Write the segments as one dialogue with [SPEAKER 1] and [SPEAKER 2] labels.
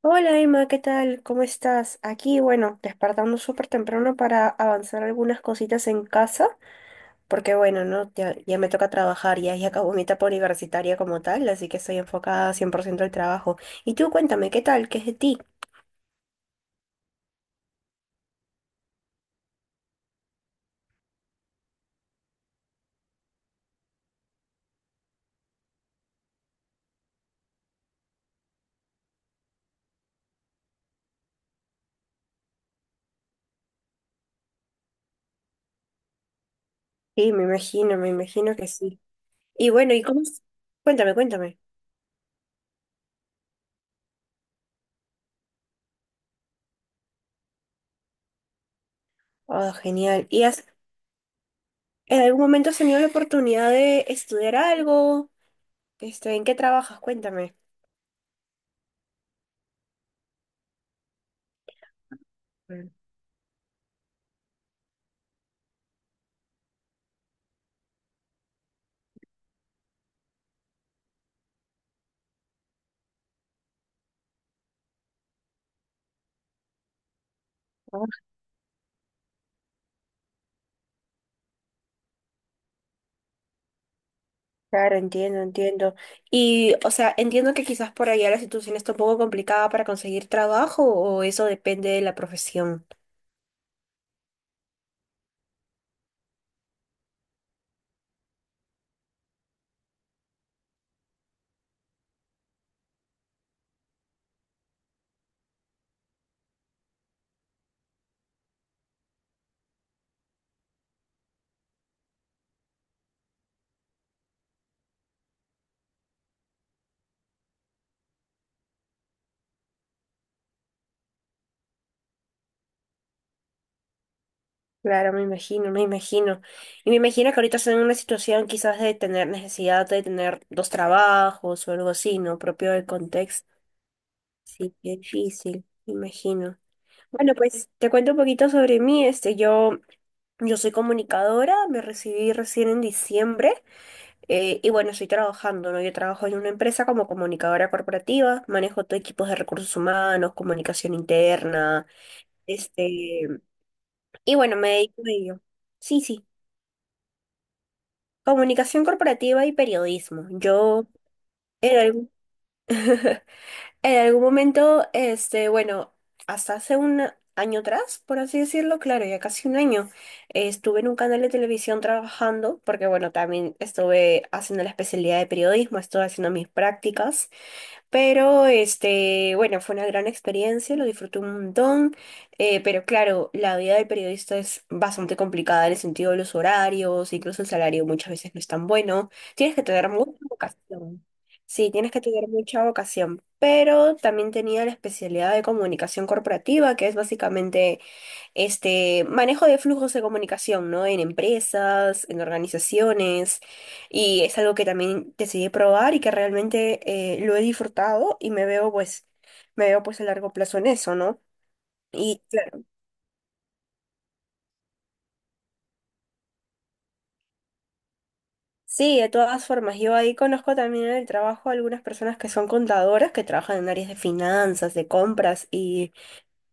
[SPEAKER 1] Hola Emma, ¿qué tal? ¿Cómo estás? Aquí, bueno, despertando súper temprano para avanzar algunas cositas en casa, porque bueno, ¿no? Ya me toca trabajar, ya acabó mi etapa universitaria como tal, así que estoy enfocada 100% al trabajo. Y tú cuéntame, ¿qué tal? ¿Qué es de ti? Sí, me imagino que sí. Y bueno, ¿y cómo es? Cuéntame, cuéntame. Oh, genial. ¿Y en algún momento has tenido la oportunidad de estudiar algo? ¿En qué trabajas? Cuéntame. Claro, entiendo, entiendo. Y, o sea, entiendo que quizás por allá la situación está un poco complicada para conseguir trabajo o eso depende de la profesión. Claro, me imagino, me imagino. Y me imagino que ahorita están en una situación quizás de tener necesidad de tener dos trabajos o algo así, ¿no? Propio del contexto. Sí, qué difícil, me imagino. Bueno, pues te cuento un poquito sobre mí. Yo soy comunicadora, me recibí recién en diciembre. Y bueno, estoy trabajando, ¿no? Yo trabajo en una empresa como comunicadora corporativa, manejo todo equipos de recursos humanos, comunicación interna, este, y bueno, me dedico a ello. Sí, sí, comunicación corporativa y periodismo. Yo en algún, en algún momento, bueno, hasta hace un año atrás, por así decirlo, claro, ya casi un año, estuve en un canal de televisión trabajando, porque bueno, también estuve haciendo la especialidad de periodismo, estuve haciendo mis prácticas. Pero bueno, fue una gran experiencia, lo disfruté un montón. Pero claro, la vida del periodista es bastante complicada en el sentido de los horarios, incluso el salario muchas veces no es tan bueno. Tienes que tener mucha vocación. Sí, tienes que tener mucha vocación. Pero también tenía la especialidad de comunicación corporativa, que es básicamente manejo de flujos de comunicación, ¿no? En empresas, en organizaciones, y es algo que también decidí probar y que realmente lo he disfrutado y me veo pues a largo plazo en eso, ¿no? Y claro, sí, de todas formas, yo ahí conozco también en el trabajo a algunas personas que son contadoras, que trabajan en áreas de finanzas, de compras, y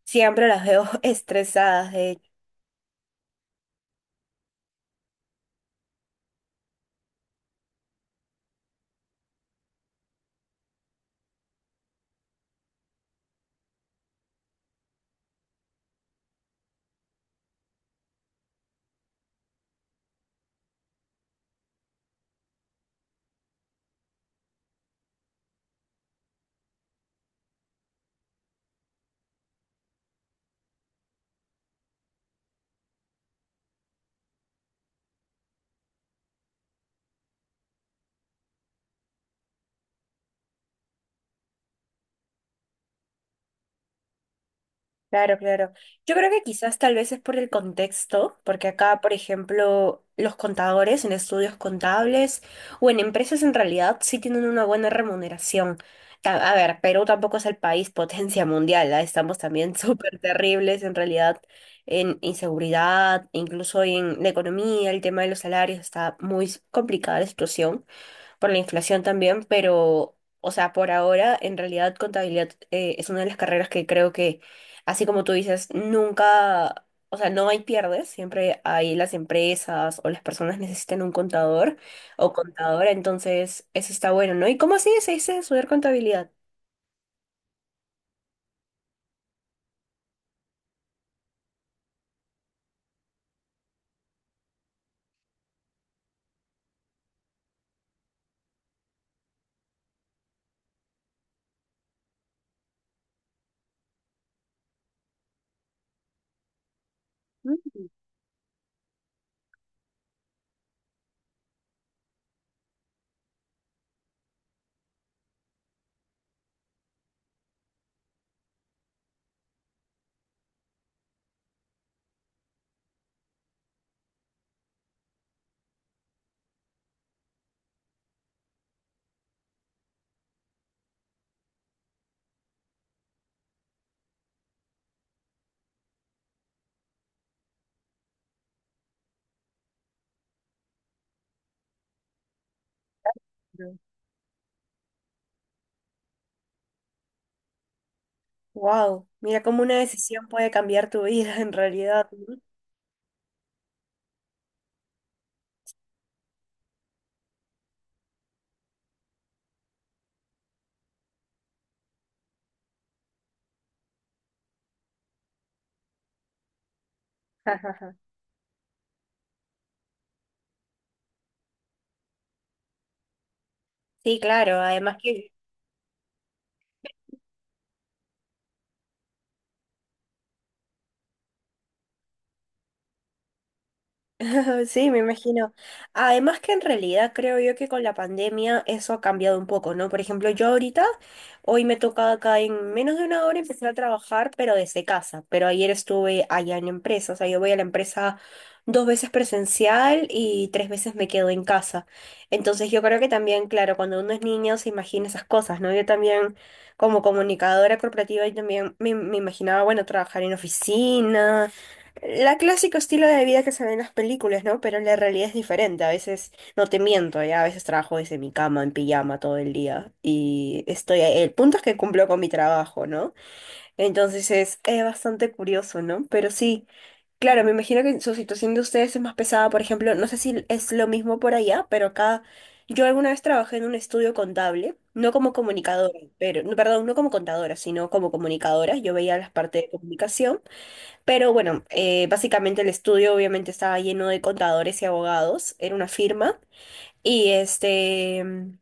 [SPEAKER 1] siempre las veo estresadas. De Claro, claro. Yo creo que quizás tal vez es por el contexto, porque acá, por ejemplo, los contadores en estudios contables o en empresas en realidad sí tienen una buena remuneración. A ver, Perú tampoco es el país potencia mundial, ¿ah? Estamos también súper terribles en realidad en inseguridad, incluso en la economía, el tema de los salarios está muy complicada la situación por la inflación también, pero, o sea, por ahora, en realidad, contabilidad es una de las carreras que creo que, así como tú dices, nunca, o sea, no hay pierdes, siempre hay las empresas o las personas necesitan un contador o contadora, entonces eso está bueno, ¿no? ¿Y cómo así se dice estudiar contabilidad? Wow, mira cómo una decisión puede cambiar tu vida en realidad, ¿no? Sí, claro, además que Sí, me imagino. Además que en realidad creo yo que con la pandemia eso ha cambiado un poco, ¿no? Por ejemplo, yo ahorita, hoy me toca acá en menos de una hora empezar a trabajar, pero desde casa. Pero ayer estuve allá en empresa, o sea, yo voy a la empresa dos veces presencial y tres veces me quedo en casa. Entonces yo creo que también, claro, cuando uno es niño se imagina esas cosas, ¿no? Yo también como comunicadora corporativa, yo también me imaginaba, bueno, trabajar en oficinas la clásico estilo de vida que se ve en las películas, ¿no? Pero la realidad es diferente. A veces, no te miento, ya a veces trabajo desde mi cama en pijama todo el día y estoy ahí. El punto es que cumplo con mi trabajo, ¿no? Entonces es bastante curioso, ¿no? Pero sí, claro, me imagino que su situación de ustedes es más pesada. Por ejemplo, no sé si es lo mismo por allá, pero acá yo alguna vez trabajé en un estudio contable, no como comunicadora, pero, no, perdón, no como contadora, sino como comunicadora. Yo veía las partes de comunicación. Pero bueno, básicamente el estudio obviamente estaba lleno de contadores y abogados, era una firma. Y este, mm,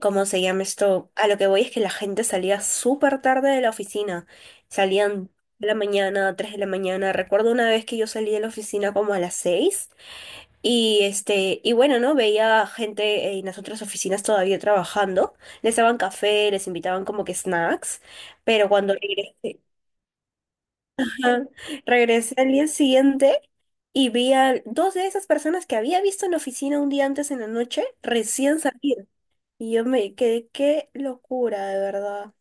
[SPEAKER 1] ¿Cómo se llama esto? A lo que voy es que la gente salía súper tarde de la oficina. Salían 3 de la mañana. Recuerdo una vez que yo salí de la oficina como a las 6. Y bueno, ¿no? Veía gente en las otras oficinas todavía trabajando. Les daban café, les invitaban como que snacks. Pero cuando regresé, ajá, regresé al día siguiente. Y vi a dos de esas personas que había visto en la oficina un día antes en la noche recién salir. Y yo me quedé, qué locura, de verdad.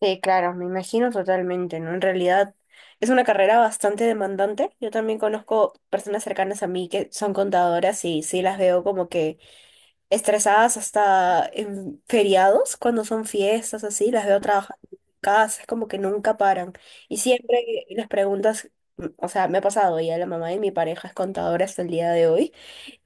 [SPEAKER 1] Sí, claro, me imagino totalmente, ¿no? En realidad es una carrera bastante demandante. Yo también conozco personas cercanas a mí que son contadoras y sí las veo como que estresadas hasta en feriados, cuando son fiestas así, las veo trabajando en casa, es como que nunca paran. Y siempre les preguntas, o sea, me ha pasado, ya la mamá de mi pareja es contadora hasta el día de hoy,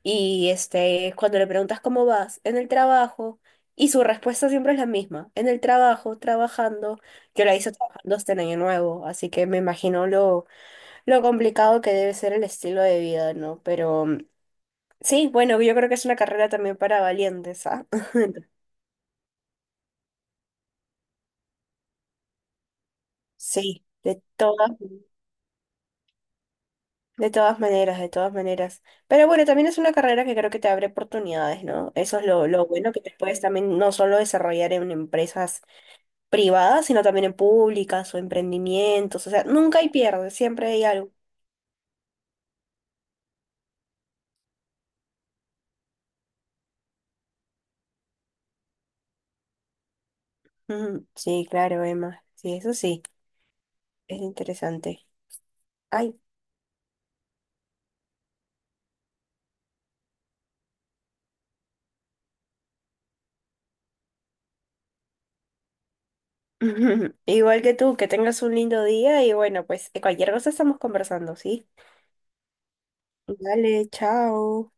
[SPEAKER 1] cuando le preguntas cómo vas en el trabajo, y su respuesta siempre es la misma, en el trabajo, trabajando, yo la hice trabajando hasta el año nuevo, así que me imagino lo complicado que debe ser el estilo de vida, ¿no? Pero sí, bueno, yo creo que es una carrera también para valientes, ¿ah? Sí, de todas maneras, de todas maneras. Pero bueno, también es una carrera que creo que te abre oportunidades, ¿no? Eso es lo bueno que te puedes también no solo desarrollar en empresas privadas, sino también en públicas o emprendimientos. O sea, nunca hay pierde, siempre hay algo. Ujú, sí, claro, Emma. Sí, eso sí, es interesante. Ay. Igual que tú, que tengas un lindo día y bueno, pues cualquier cosa estamos conversando, ¿sí? Dale, chao.